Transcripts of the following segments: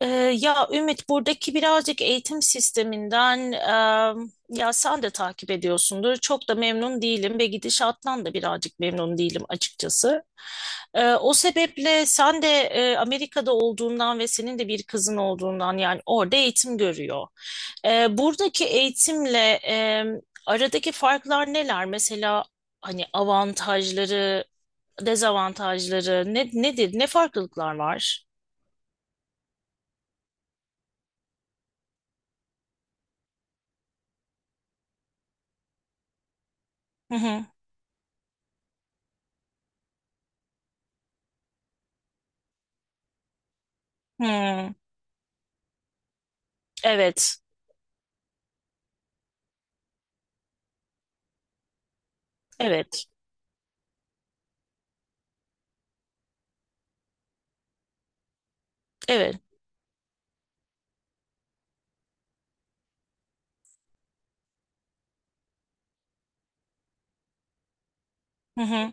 Ee, ya Ümit buradaki birazcık eğitim sisteminden ya sen de takip ediyorsundur. Çok da memnun değilim ve gidişattan da birazcık memnun değilim açıkçası. O sebeple sen de Amerika'da olduğundan ve senin de bir kızın olduğundan yani orada eğitim görüyor. Buradaki eğitimle aradaki farklar neler? Mesela hani avantajları, dezavantajları nedir? Ne farklılıklar var? Hı hı. Hı. Evet, evet, evet. Hı hı,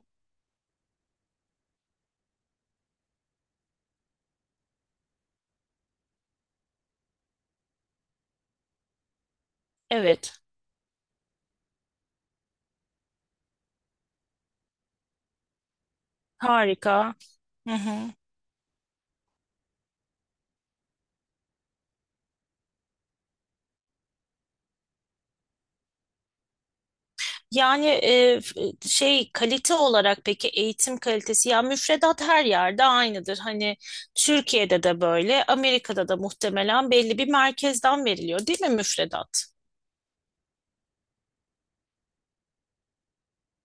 evet. Harika. Hı hı. Yani kalite olarak peki eğitim kalitesi ya müfredat her yerde aynıdır. Hani Türkiye'de de böyle, Amerika'da da muhtemelen belli bir merkezden veriliyor, değil mi müfredat?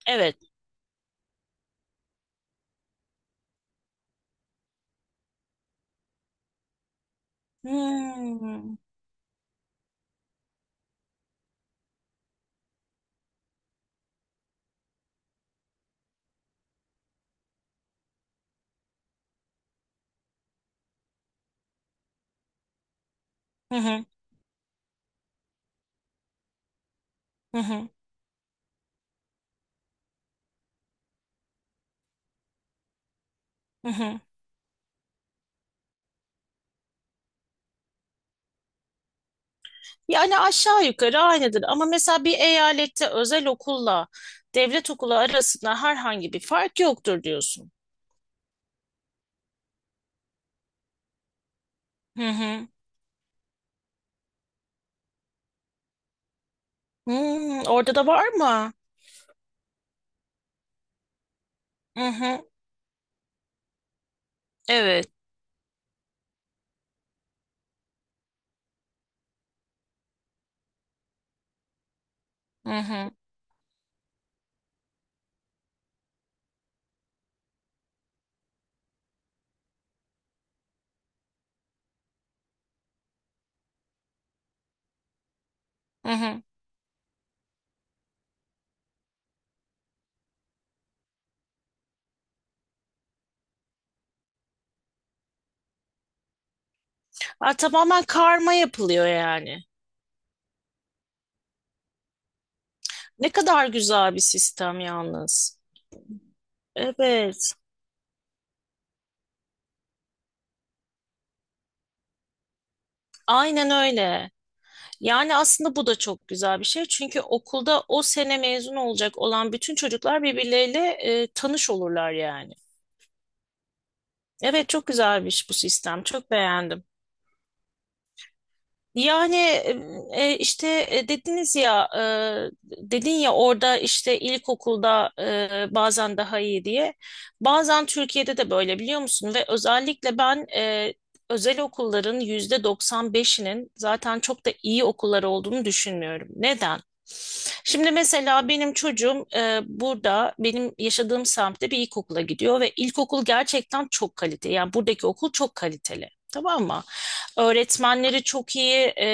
Evet. Hmm. Hı hı, hı hı, hı hı. Yani aşağı yukarı aynıdır ama mesela bir eyalette özel okulla devlet okulu arasında herhangi bir fark yoktur diyorsun. Hı hı. Hmm, orada da var mı? Hı hı, evet. Hı hı, hı hı. Ha, tamamen karma yapılıyor yani. Ne kadar güzel bir sistem yalnız. Evet, aynen öyle. Yani aslında bu da çok güzel bir şey. Çünkü okulda o sene mezun olacak olan bütün çocuklar birbirleriyle tanış olurlar yani. Evet, çok güzelmiş bu sistem. Çok beğendim. Yani dediniz ya dedin ya orada işte ilkokulda bazen daha iyi diye. Bazen Türkiye'de de böyle biliyor musun? Ve özellikle ben özel okulların yüzde 95'inin zaten çok da iyi okullar olduğunu düşünmüyorum. Neden? Şimdi mesela benim çocuğum burada benim yaşadığım semtte bir ilkokula gidiyor ve ilkokul gerçekten çok kaliteli. Yani buradaki okul çok kaliteli. Tamam mı? Öğretmenleri çok iyi, e,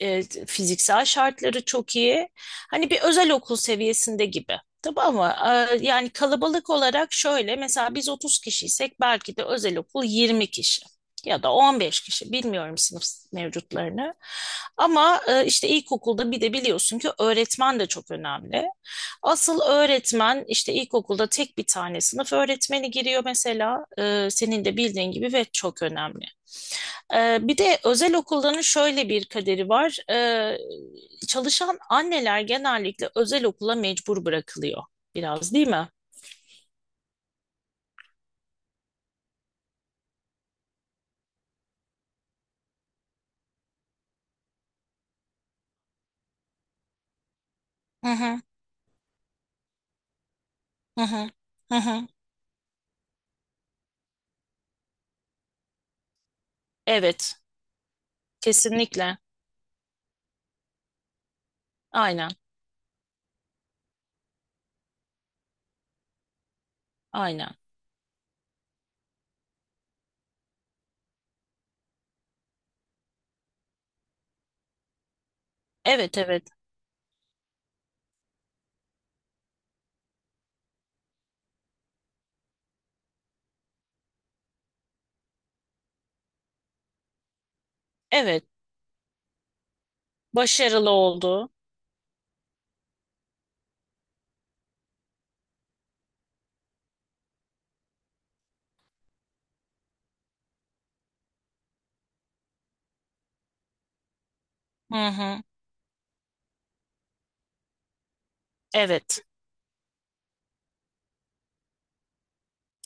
e, fiziksel şartları çok iyi. Hani bir özel okul seviyesinde gibi. Tabii ama yani kalabalık olarak şöyle mesela biz 30 kişiysek belki de özel okul 20 kişi ya da 15 kişi bilmiyorum sınıf mevcutlarını. Ama işte ilkokulda bir de biliyorsun ki öğretmen de çok önemli. Asıl öğretmen işte ilkokulda tek bir tane sınıf öğretmeni giriyor mesela. Senin de bildiğin gibi ve çok önemli. Bir de özel okulların şöyle bir kaderi var. Çalışan anneler genellikle özel okula mecbur bırakılıyor biraz değil mi? Hı hı, hı hı, hı hı. Evet, kesinlikle. Aynen, aynen. Evet, evet, evet. Başarılı oldu. Hı hı. Evet,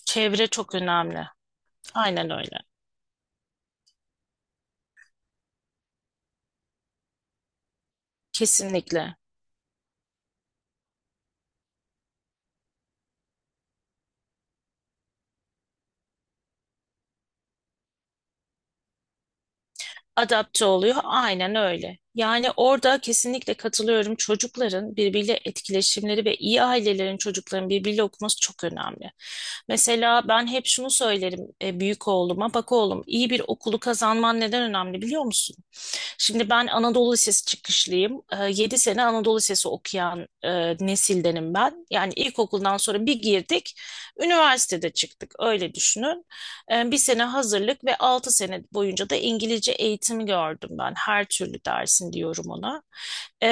çevre çok önemli. Aynen öyle. Kesinlikle. Adapte oluyor. Aynen öyle. Yani orada kesinlikle katılıyorum. Çocukların birbiriyle etkileşimleri ve iyi ailelerin çocukların birbiriyle okuması çok önemli. Mesela ben hep şunu söylerim büyük oğluma. Bak oğlum iyi bir okulu kazanman neden önemli biliyor musun? Şimdi ben Anadolu Lisesi çıkışlıyım. 7 sene Anadolu Lisesi okuyan nesildenim ben. Yani ilkokuldan sonra bir girdik, üniversitede çıktık. Öyle düşünün. Bir sene hazırlık ve 6 sene boyunca da İngilizce eğitimi gördüm ben. Her türlü dersin diyorum ona. E,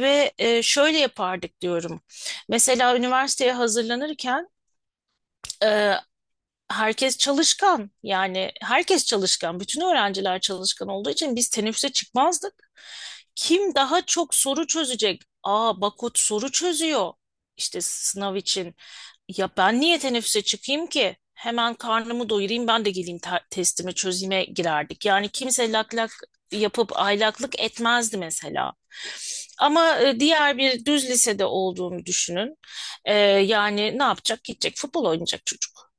Ve şöyle yapardık diyorum. Mesela üniversiteye hazırlanırken e, herkes çalışkan yani herkes çalışkan bütün öğrenciler çalışkan olduğu için biz teneffüse çıkmazdık. Kim daha çok soru çözecek? Aa Bakut soru çözüyor işte sınav için. Ya ben niye teneffüse çıkayım ki? Hemen karnımı doyurayım ben de geleyim testimi çözüme girerdik. Yani kimse lak lak yapıp aylaklık etmezdi mesela. Ama diğer bir düz lisede olduğunu düşünün. Yani ne yapacak? Gidecek futbol oynayacak çocuk.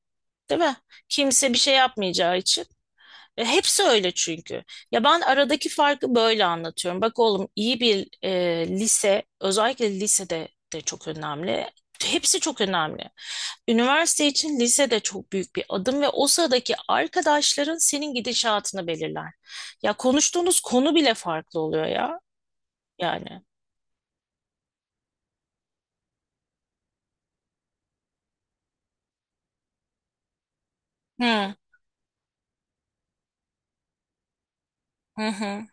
Değil mi? Kimse bir şey yapmayacağı için. Hepsi öyle çünkü. Ya ben aradaki farkı böyle anlatıyorum. Bak oğlum iyi bir lise, özellikle lisede de çok önemli. Hepsi çok önemli. Üniversite için lise de çok büyük bir adım ve o sıradaki arkadaşların senin gidişatını belirler. Ya konuştuğunuz konu bile farklı oluyor ya. Yani. Hı hı,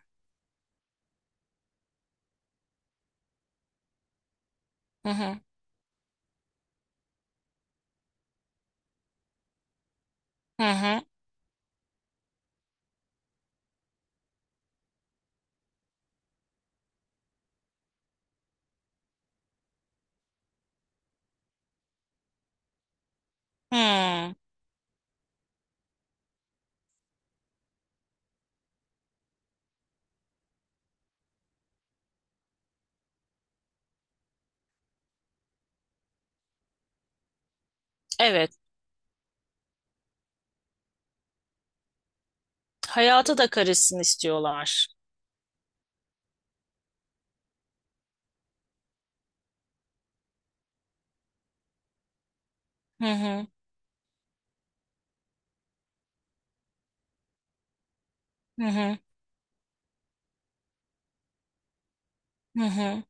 hı hı, hı hı. Hı, evet. Hayata da karışsın istiyorlar. Hı hı, hı hı. Hı hı.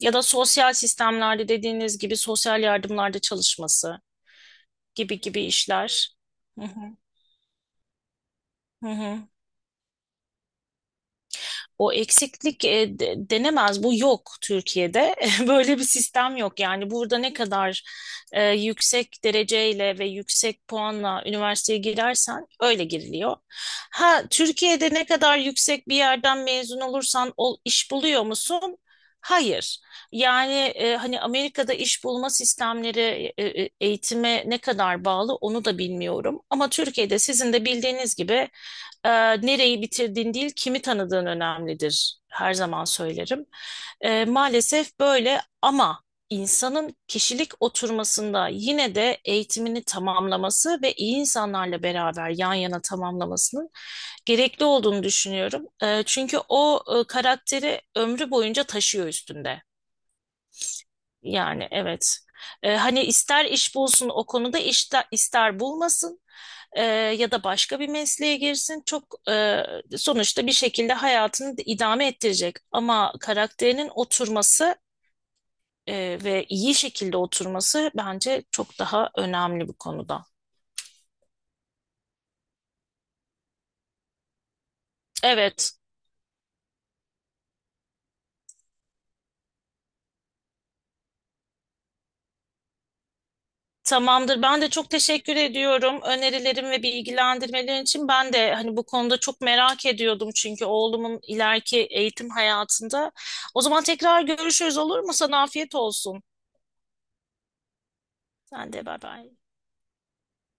Ya da sosyal sistemlerde dediğiniz gibi sosyal yardımlarda çalışması gibi gibi işler. Hı hı. Hı hı. O eksiklik denemez. Bu yok Türkiye'de. Böyle bir sistem yok. Yani burada ne kadar yüksek dereceyle ve yüksek puanla üniversiteye girersen öyle giriliyor. Ha Türkiye'de ne kadar yüksek bir yerden mezun olursan ol, iş buluyor musun? Hayır. Yani hani Amerika'da iş bulma sistemleri eğitime ne kadar bağlı onu da bilmiyorum. Ama Türkiye'de sizin de bildiğiniz gibi ee, nereyi bitirdiğin değil, kimi tanıdığın önemlidir. Her zaman söylerim. Maalesef böyle ama insanın kişilik oturmasında yine de eğitimini tamamlaması ve iyi insanlarla beraber yan yana tamamlamasının gerekli olduğunu düşünüyorum. Çünkü o karakteri ömrü boyunca taşıyor üstünde. Yani evet. Hani ister iş bulsun o konuda ister bulmasın e, ya da başka bir mesleğe girsin. Çok sonuçta bir şekilde hayatını da idame ettirecek. Ama karakterinin oturması e, ve iyi şekilde oturması bence çok daha önemli bu konuda. Evet. Tamamdır. Ben de çok teşekkür ediyorum önerilerim ve bilgilendirmelerin için. Ben de hani bu konuda çok merak ediyordum çünkü oğlumun ileriki eğitim hayatında. O zaman tekrar görüşürüz olur mu? Sana afiyet olsun. Sen de bay bay.